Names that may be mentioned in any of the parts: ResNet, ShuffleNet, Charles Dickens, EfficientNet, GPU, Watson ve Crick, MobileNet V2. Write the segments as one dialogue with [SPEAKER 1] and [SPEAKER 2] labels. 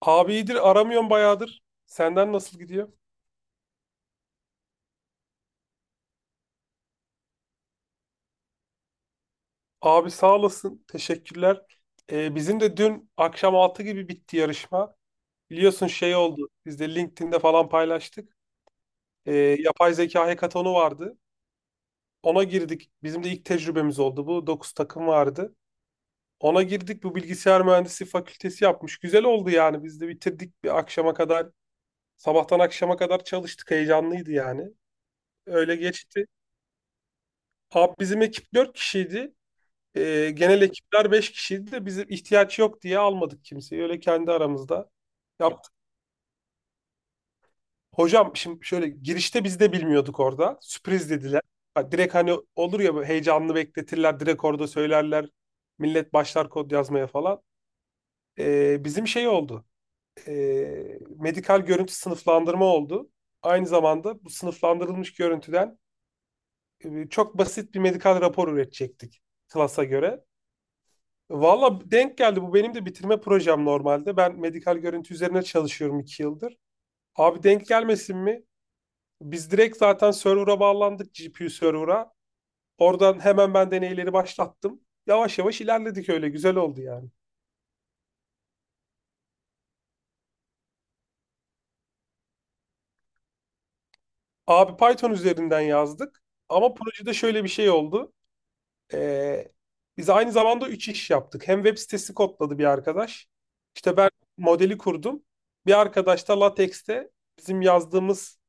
[SPEAKER 1] Abi iyidir, aramıyorum bayağıdır. Senden nasıl gidiyor? Abi sağ olasın. Teşekkürler. Bizim de dün akşam 6 gibi bitti yarışma. Biliyorsun şey oldu. Biz de LinkedIn'de falan paylaştık. Yapay zeka hekatonu vardı. Ona girdik. Bizim de ilk tecrübemiz oldu bu. Dokuz takım vardı. Ona girdik. Bu bilgisayar mühendisliği fakültesi yapmış. Güzel oldu yani. Biz de bitirdik bir akşama kadar. Sabahtan akşama kadar çalıştık. Heyecanlıydı yani. Öyle geçti. Abi bizim ekip 4 kişiydi. Genel ekipler 5 kişiydi de bizim ihtiyaç yok diye almadık kimseyi. Öyle kendi aramızda yaptık. Hocam şimdi şöyle girişte biz de bilmiyorduk orada. Sürpriz dediler. Ha, direkt hani olur ya böyle heyecanlı bekletirler. Direkt orada söylerler. Millet başlar kod yazmaya falan. Bizim şey oldu. Medikal görüntü sınıflandırma oldu. Aynı zamanda bu sınıflandırılmış görüntüden çok basit bir medikal rapor üretecektik klasa göre. Valla denk geldi. Bu benim de bitirme projem normalde. Ben medikal görüntü üzerine çalışıyorum 2 yıldır. Abi denk gelmesin mi? Biz direkt zaten server'a bağlandık, GPU server'a. Oradan hemen ben deneyleri başlattım. Yavaş yavaş ilerledik, öyle güzel oldu yani. Abi Python üzerinden yazdık. Ama projede şöyle bir şey oldu. Ee, Biz aynı zamanda üç iş yaptık. Hem web sitesi kodladı bir arkadaş. İşte ben modeli kurdum. Bir arkadaş da LaTeX'te bizim yazdığımız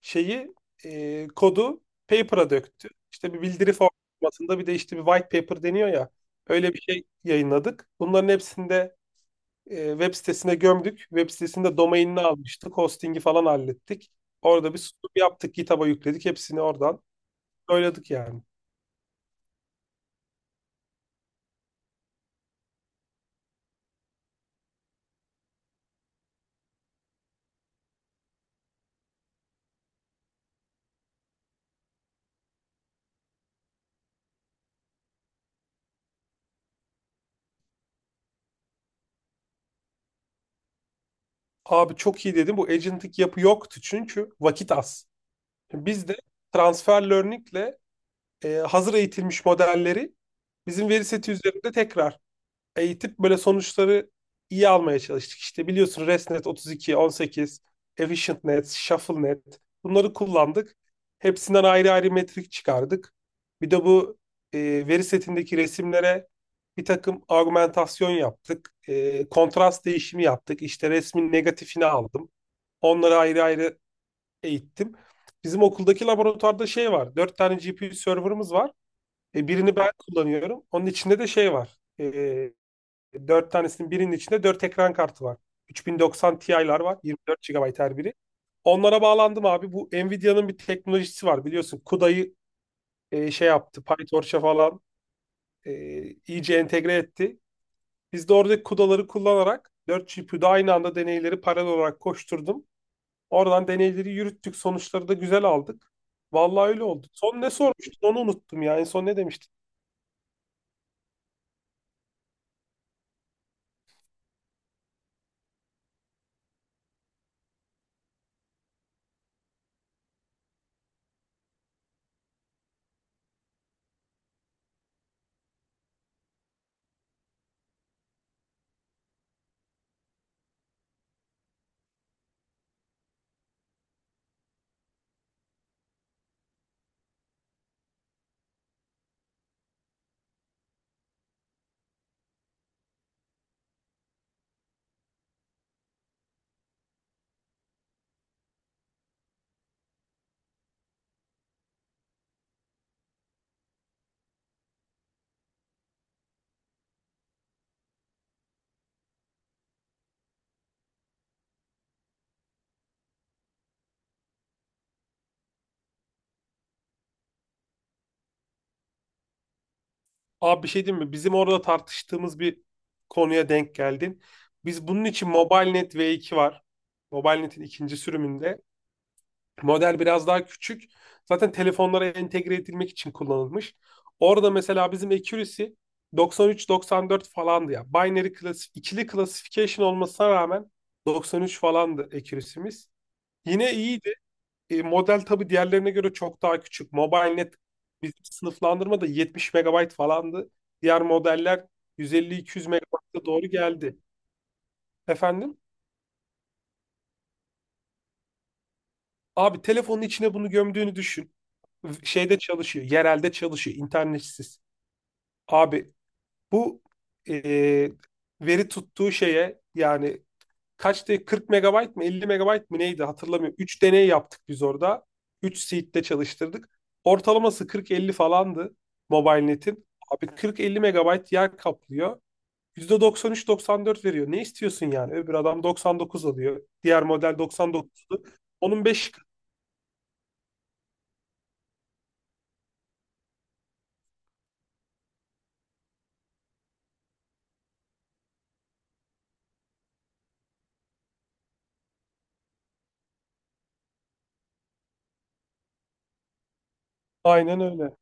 [SPEAKER 1] şeyi, kodu paper'a döktü. İşte bir bildiri formatında, bir de işte bir white paper deniyor ya. Öyle bir şey yayınladık. Bunların hepsinde web sitesine gömdük. Web sitesinde domainini almıştık. Hosting'i falan hallettik. Orada bir sunum yaptık. GitHub'a yükledik. Hepsini oradan söyledik yani. Abi çok iyi dedim. Bu agentik yapı yoktu çünkü vakit az. Biz de transfer learning'le hazır eğitilmiş modelleri bizim veri seti üzerinde tekrar eğitip böyle sonuçları iyi almaya çalıştık. İşte biliyorsun, ResNet 32, 18, EfficientNet, ShuffleNet, bunları kullandık. Hepsinden ayrı ayrı metrik çıkardık. Bir de bu e, veri setindeki resimlere bir takım argümantasyon yaptık. E, kontrast değişimi yaptık. İşte resmin negatifini aldım. Onları ayrı ayrı eğittim. Bizim okuldaki laboratuvarda şey var. Dört tane GPU server'ımız var. E, birini ben kullanıyorum. Onun içinde de şey var. E, Dört tanesinin birinin içinde dört ekran kartı var. 3090 Ti'ler var. 24 GB her biri. Onlara bağlandım abi. Bu Nvidia'nın bir teknolojisi var biliyorsun. CUDA'yı şey yaptı. PyTorch'a falan e, iyice entegre etti. Biz de oradaki CUDA'ları kullanarak 4 GPU'da aynı anda deneyleri paralel olarak koşturdum. Oradan deneyleri yürüttük. Sonuçları da güzel aldık. Vallahi öyle oldu. Son ne sormuştun, onu unuttum ya. En son ne demiştin? Abi bir şey diyeyim mi? Bizim orada tartıştığımız bir konuya denk geldin. Biz bunun için MobileNet V2 var. MobileNet'in ikinci sürümünde. Model biraz daha küçük. Zaten telefonlara entegre edilmek için kullanılmış. Orada mesela bizim accuracy 93-94 falandı ya. Binary klasi, ikili classification olmasına rağmen 93 falandı accuracy'miz. Yine iyiydi. E, model tabii diğerlerine göre çok daha küçük. MobileNet bizim sınıflandırmada 70 megabayt falandı. Diğer modeller 150-200 megabayta doğru geldi. Efendim? Abi telefonun içine bunu gömdüğünü düşün. Şeyde çalışıyor, yerelde çalışıyor, internetsiz. Abi bu e, veri tuttuğu şeye yani, kaçtı, 40 megabayt mı 50 megabayt mı neydi, hatırlamıyorum. 3 deney yaptık biz orada. 3 seed'de çalıştırdık. Ortalaması 40-50 falandı MobileNet'in. Abi 40-50 megabayt yer kaplıyor. %93-94 veriyor. Ne istiyorsun yani? Öbür adam 99 alıyor. Diğer model 99'du. Onun 5... Aynen öyle.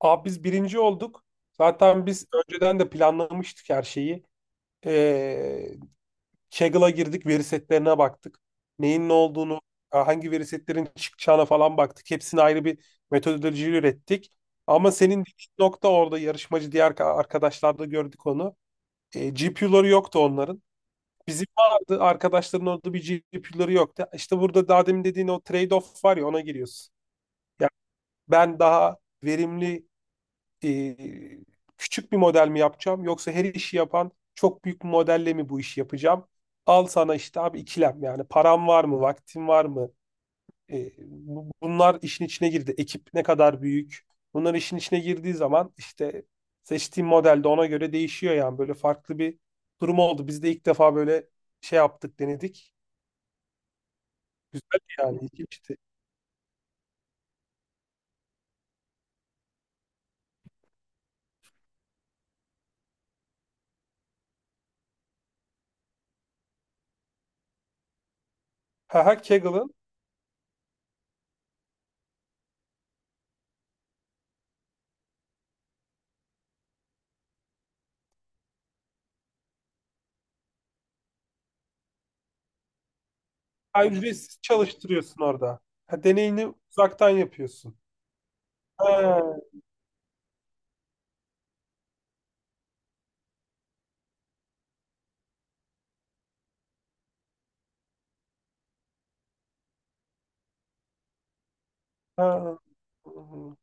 [SPEAKER 1] Abi biz birinci olduk. Zaten biz önceden de planlamıştık her şeyi. Ee, Kaggle'a girdik, veri setlerine baktık. Neyin ne olduğunu, hangi veri setlerin çıkacağına falan baktık. Hepsini ayrı bir metodoloji ürettik. Ama senin dediğin nokta, orada yarışmacı diğer arkadaşlarda gördük onu. E, GPU'ları yoktu onların. Bizim vardı, arkadaşların orada bir GPU'ları yoktu. İşte burada daha demin dediğin o trade-off var ya, ona giriyorsun. Yani ben daha verimli, e, küçük bir model mi yapacağım yoksa her işi yapan çok büyük bir modelle mi bu işi yapacağım? Al sana işte abi ikilem, yani param var mı, vaktim var mı? Bunlar işin içine girdi. Ekip ne kadar büyük? Bunlar işin içine girdiği zaman işte seçtiğim model de ona göre değişiyor yani, böyle farklı bir durum oldu. Biz de ilk defa böyle şey yaptık, denedik. Güzel yani, ilginçti. Ha, ha, Kaggle'ın... Ha, ücretsiz çalıştırıyorsun orada. Ha, deneyini uzaktan yapıyorsun. Ha. Ha. Hı-hı.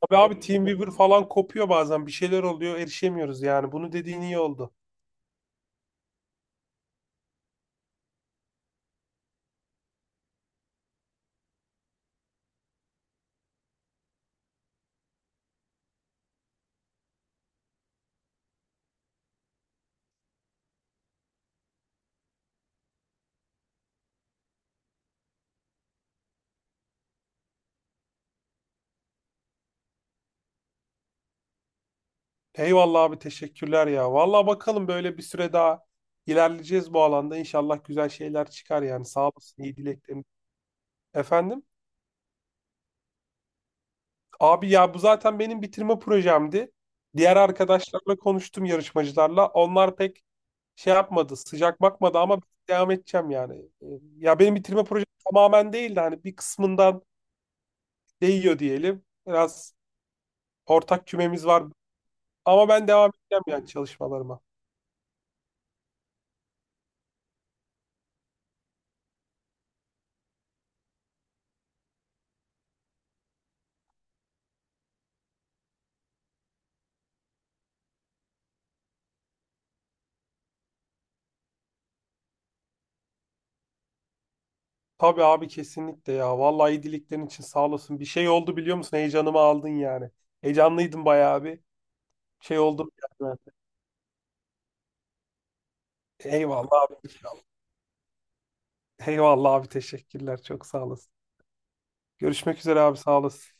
[SPEAKER 1] Tabii abi, Teamweaver falan kopuyor bazen. Bir şeyler oluyor, erişemiyoruz yani. Bunu dediğin iyi oldu. Eyvallah abi, teşekkürler ya. Vallahi bakalım, böyle bir süre daha ilerleyeceğiz bu alanda. İnşallah güzel şeyler çıkar yani. Sağ olasın, iyi dileklerim. Efendim? Abi ya, bu zaten benim bitirme projemdi. Diğer arkadaşlarla konuştum, yarışmacılarla. Onlar pek şey yapmadı, sıcak bakmadı ama devam edeceğim yani. Ya benim bitirme projem tamamen değil de hani bir kısmından değiyor diyelim. Biraz ortak kümemiz var. Ama ben devam edeceğim yani çalışmalarıma. Tabii abi, kesinlikle ya. Vallahi iyi dileklerin için sağ olasın. Bir şey oldu biliyor musun? Heyecanımı aldın yani. Heyecanlıydım bayağı bir. Şey oldu yani. Eyvallah abi. Eyvallah abi, teşekkürler. Çok sağ olasın. Görüşmek üzere abi, sağ olasın.